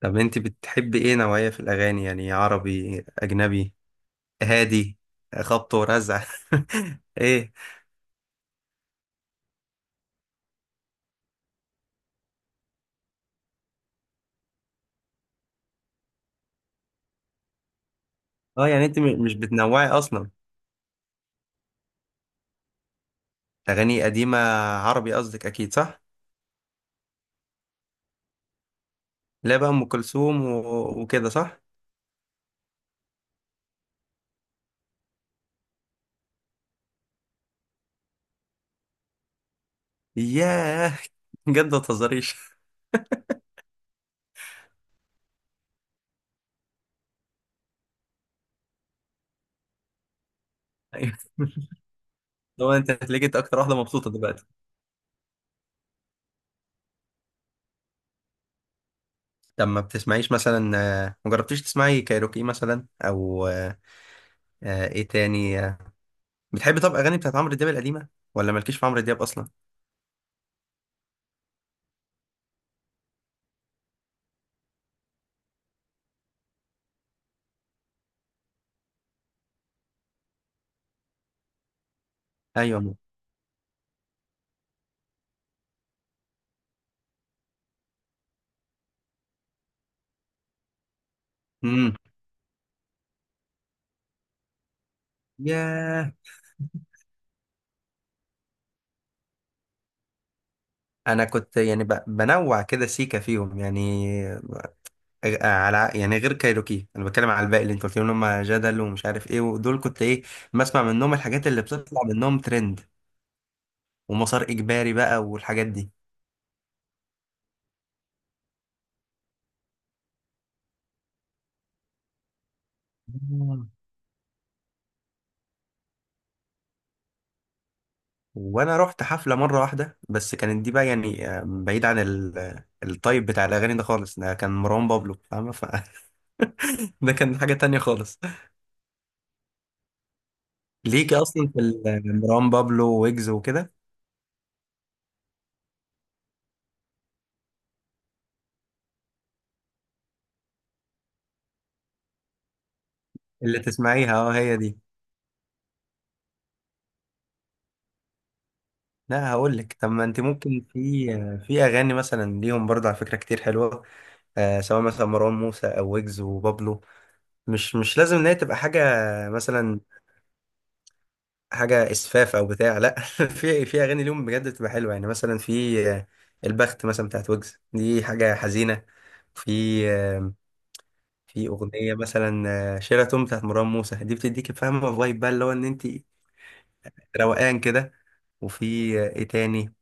طب انت بتحبي ايه نوعية في الاغاني؟ يعني عربي، اجنبي، هادي، خبط ورزع؟ ايه. اه، يعني انت مش بتنوعي اصلا. اغاني قديمة، عربي قصدك اكيد، صح؟ لا بقى، ام كلثوم و- وكده، صح؟ ياه، بجد ما تهزريش. أيوة. هو انت هتلاقيك انت اكتر واحدة مبسوطة دلوقتي. طب ما بتسمعيش مثلا؟ ما جربتيش تسمعي كايروكي مثلا؟ او ايه تاني؟ بتحبي طب اغاني بتاعت عمرو دياب القديمة؟ ولا مالكيش في عمرو دياب اصلا؟ ايوه. ياه. انا كنت يعني بنوع كده سيكا فيهم يعني. على يعني، غير كايروكي، انا بتكلم على الباقي اللي انت قلت لهم إن هم جدل ومش عارف ايه ودول، كنت ايه؟ بسمع منهم الحاجات اللي بتطلع منهم ترند ومسار اجباري بقى والحاجات دي. مم. وانا رحت حفله مره واحده، بس كانت دي بقى يعني بعيد عن ال- الطيب بتاع الاغاني ده خالص، ده كان مروان بابلو، فاهمه؟ ف... ده كان حاجه تانية خالص. ليكي اصلا في مروان بابلو ويجز وكده؟ اللي تسمعيها، اه، هي دي. لا هقول لك، طب ما انت ممكن في اغاني مثلا ليهم برضه على فكره كتير حلوه، سواء مثلا مروان موسى او ويجز وبابلو. مش لازم ان هي تبقى حاجه مثلا، حاجه اسفاف او بتاع، لا. في اغاني ليهم بجد بتبقى حلوه يعني، مثلا في البخت، مثلا بتاعت ويجز، دي حاجه حزينه. في آه، في اغنيه مثلا شيراتون، بتاعت مروان موسى، دي بتديكي فاهمه فايب بقى اللي هو ان انت روقان كده. وفي ايه تاني؟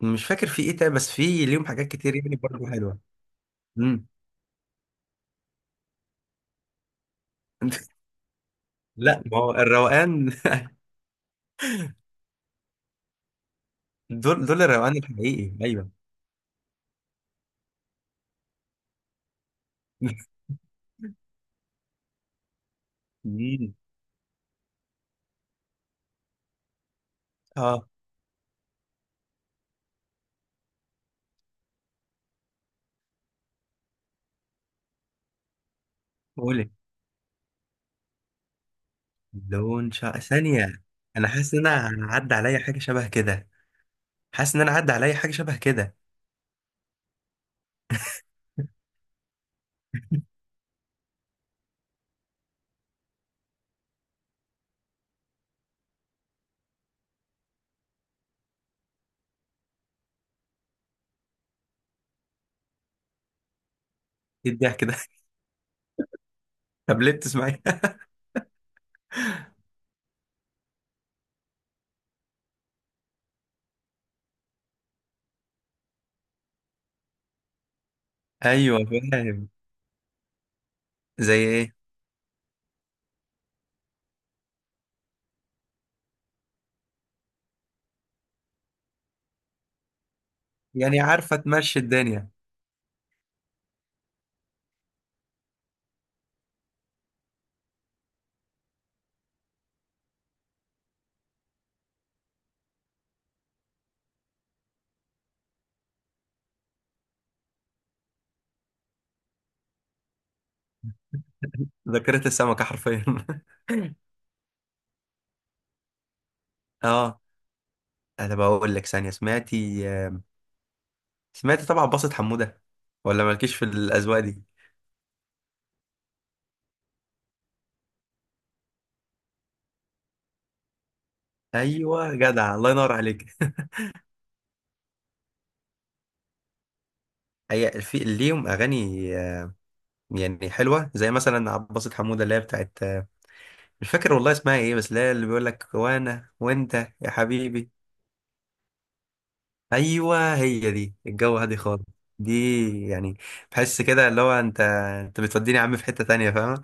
مش فاكر في ايه تاني، بس في ليهم حاجات كتير يعني برضه حلوه. مم. لا، ما هو الروقان. دول، الروقان الحقيقي، ايوه. مم. اه، قولي. لون شعر ثانية؟ انا حاسس ان انا عدى عليا حاجة شبه كده. حاسس ان انا عدى عليا حاجة شبه كده. ايه الضحك ده؟ طب ليه بتسمعي؟ ايوه، فاهم. زي ايه؟ يعني، عارفة تمشي الدنيا. ذاكرة السمكة حرفيا. اه. انا بقول لك، ثانية، سمعتي طبعا باصة حمودة؟ ولا مالكيش في الاذواق دي؟ ايوه جدع، الله ينور عليك. هي في ليهم اغاني آه، يعني حلوه، زي مثلا عباسة حموده، اللي هي بتاعت مش فاكر والله اسمها ايه، بس اللي هي اللي بيقول لك وانا وانت، يا حبيبي. ايوه، هي دي الجو هادي خالص. دي يعني، بحس كده اللي هو انت بتوديني يا عم في حته تانية، فاهمه؟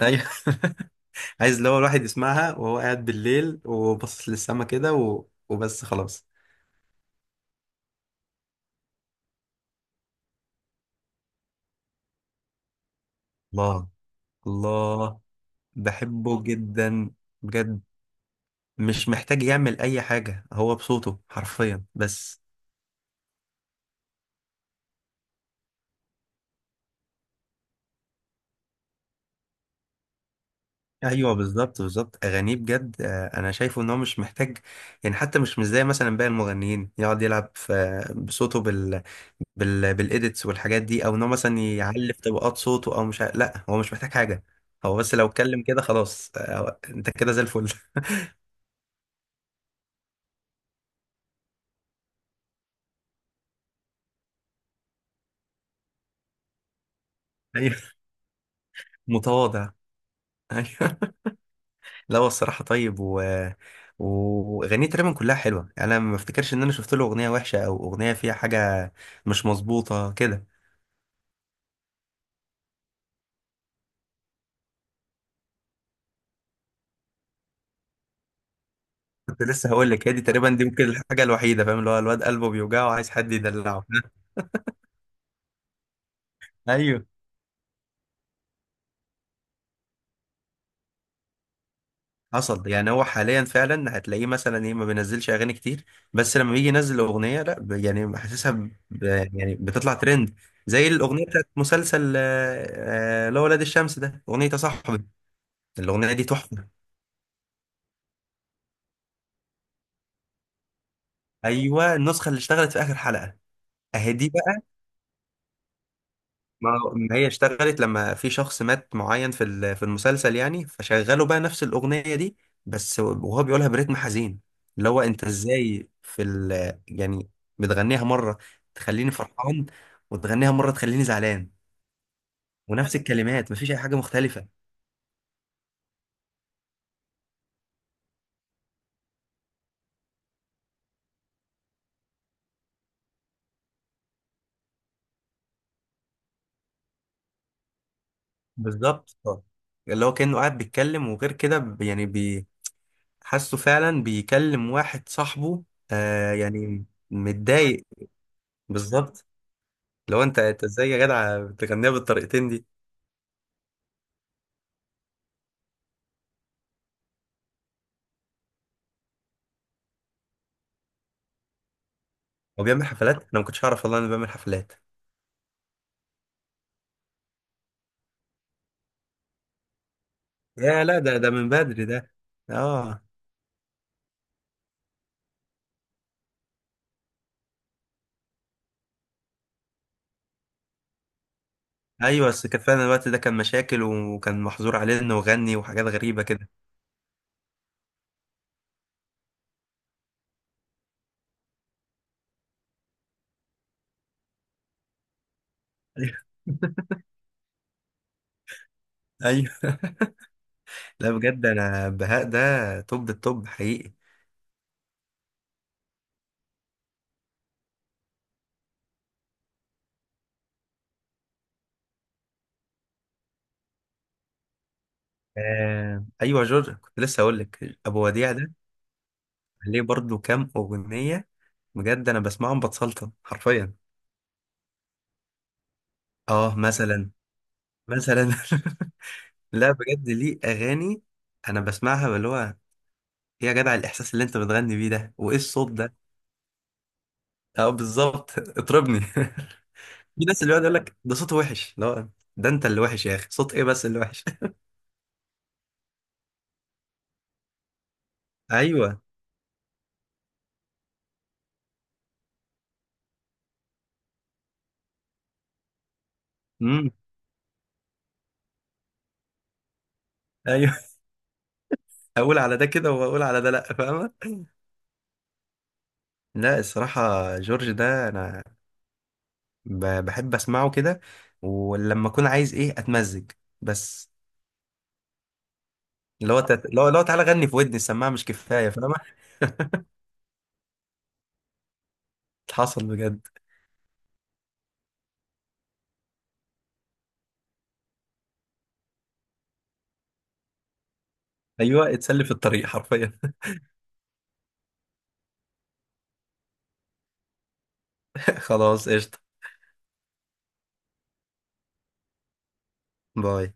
ايوه. عايز اللي هو الواحد يسمعها وهو قاعد بالليل وباصص للسما كده، و... وبس خلاص. الله، الله، بحبه جدا، بجد. مش محتاج يعمل اي حاجة، هو بصوته حرفيا بس. ايوه بالظبط، بالظبط اغانيه بجد، انا شايفه ان هو مش محتاج يعني، حتى مش زي مثلا باقي المغنيين يقعد يلعب في بصوته بال بال بالايديتس والحاجات دي، او ان هو مثلا يعلي في طبقات صوته، او مش ع- لا، هو مش محتاج حاجه. هو بس لو اتكلم كده، خلاص، انت كده زي الفل. ايوه، متواضع، ايوه. لا هو الصراحه طيب، و واغانيه تقريبا كلها حلوه، يعني انا ما افتكرش ان انا شفت له اغنيه وحشه او اغنيه فيها حاجه مش مظبوطه كده. كنت لسه هقول لك، هي دي تقريبا، دي ممكن الحاجه الوحيده، فاهم؟ اللي هو الواد قلبه بيوجعه وعايز حد يدلعه. ايوه. حصل يعني، هو حاليا فعلا هتلاقيه مثلا ايه، ما بينزلش اغاني كتير، بس لما بيجي ينزل اغنيه، لا يعني حاسسها، ب- يعني بتطلع ترند، زي الاغنيه بتاعت مسلسل اللي هو ولاد الشمس ده، اغنيه يا صاحبي. الاغنيه دي تحفه. ايوه، النسخه اللي اشتغلت في اخر حلقه، اهي دي. ما ما هي اشتغلت لما في شخص مات معين في في المسلسل، يعني فشغلوا بقى نفس الأغنية دي، بس وهو بيقولها برتم حزين، اللي هو انت ازاي في ال... يعني بتغنيها مرة تخليني فرحان، وتغنيها مرة تخليني زعلان، ونفس الكلمات مفيش أي حاجة مختلفة. بالظبط، اه. اللي هو كأنه قاعد بيتكلم، وغير كده يعني حاسه فعلا بيكلم واحد صاحبه، يعني متضايق. بالظبط. لو انت ازاي يا جدع بتغنيها بالطريقتين دي؟ هو بيعمل حفلات؟ انا ما كنتش اعرف والله انه بيعمل حفلات. يا لا، ده من بدري ده. اه. ايوه، بس كان فعلا الوقت ده كان مشاكل، وكان محظور عليه انه يغني وحاجات غريبه كده. ايوه. ايوه. لا بجد، انا بهاء ده توب التوب حقيقي. آه. ايوه، جورج، كنت لسه اقول لك ابو وديع ده، عليه برضو كام اغنيه، بجد انا بسمعهم بتسلطن حرفيا. اه، مثلا. لا بجد، ليه اغاني انا بسمعها، اللي هو، إيه يا جدع الاحساس اللي انت بتغني بيه ده؟ وايه الصوت ده؟ اه بالظبط، اطربني. في ناس اللي يقعد يقول لك ده صوته وحش، لا، ده انت اللي وحش يا اخي، صوت ايه بس اللي وحش؟ ايوه. امم. ايوه. اقول على ده كده واقول على ده لا، فاهمه؟ لا الصراحه، جورج ده انا بحب اسمعه كده، ولما اكون عايز ايه اتمزج بس، اللي هو تت... اللي هو اللي هو تعالى غني في ودني السماعه مش كفايه، فاهمه؟ حصل بجد، ايوه. اتسلي في الطريق حرفيا. خلاص قشطه. باي.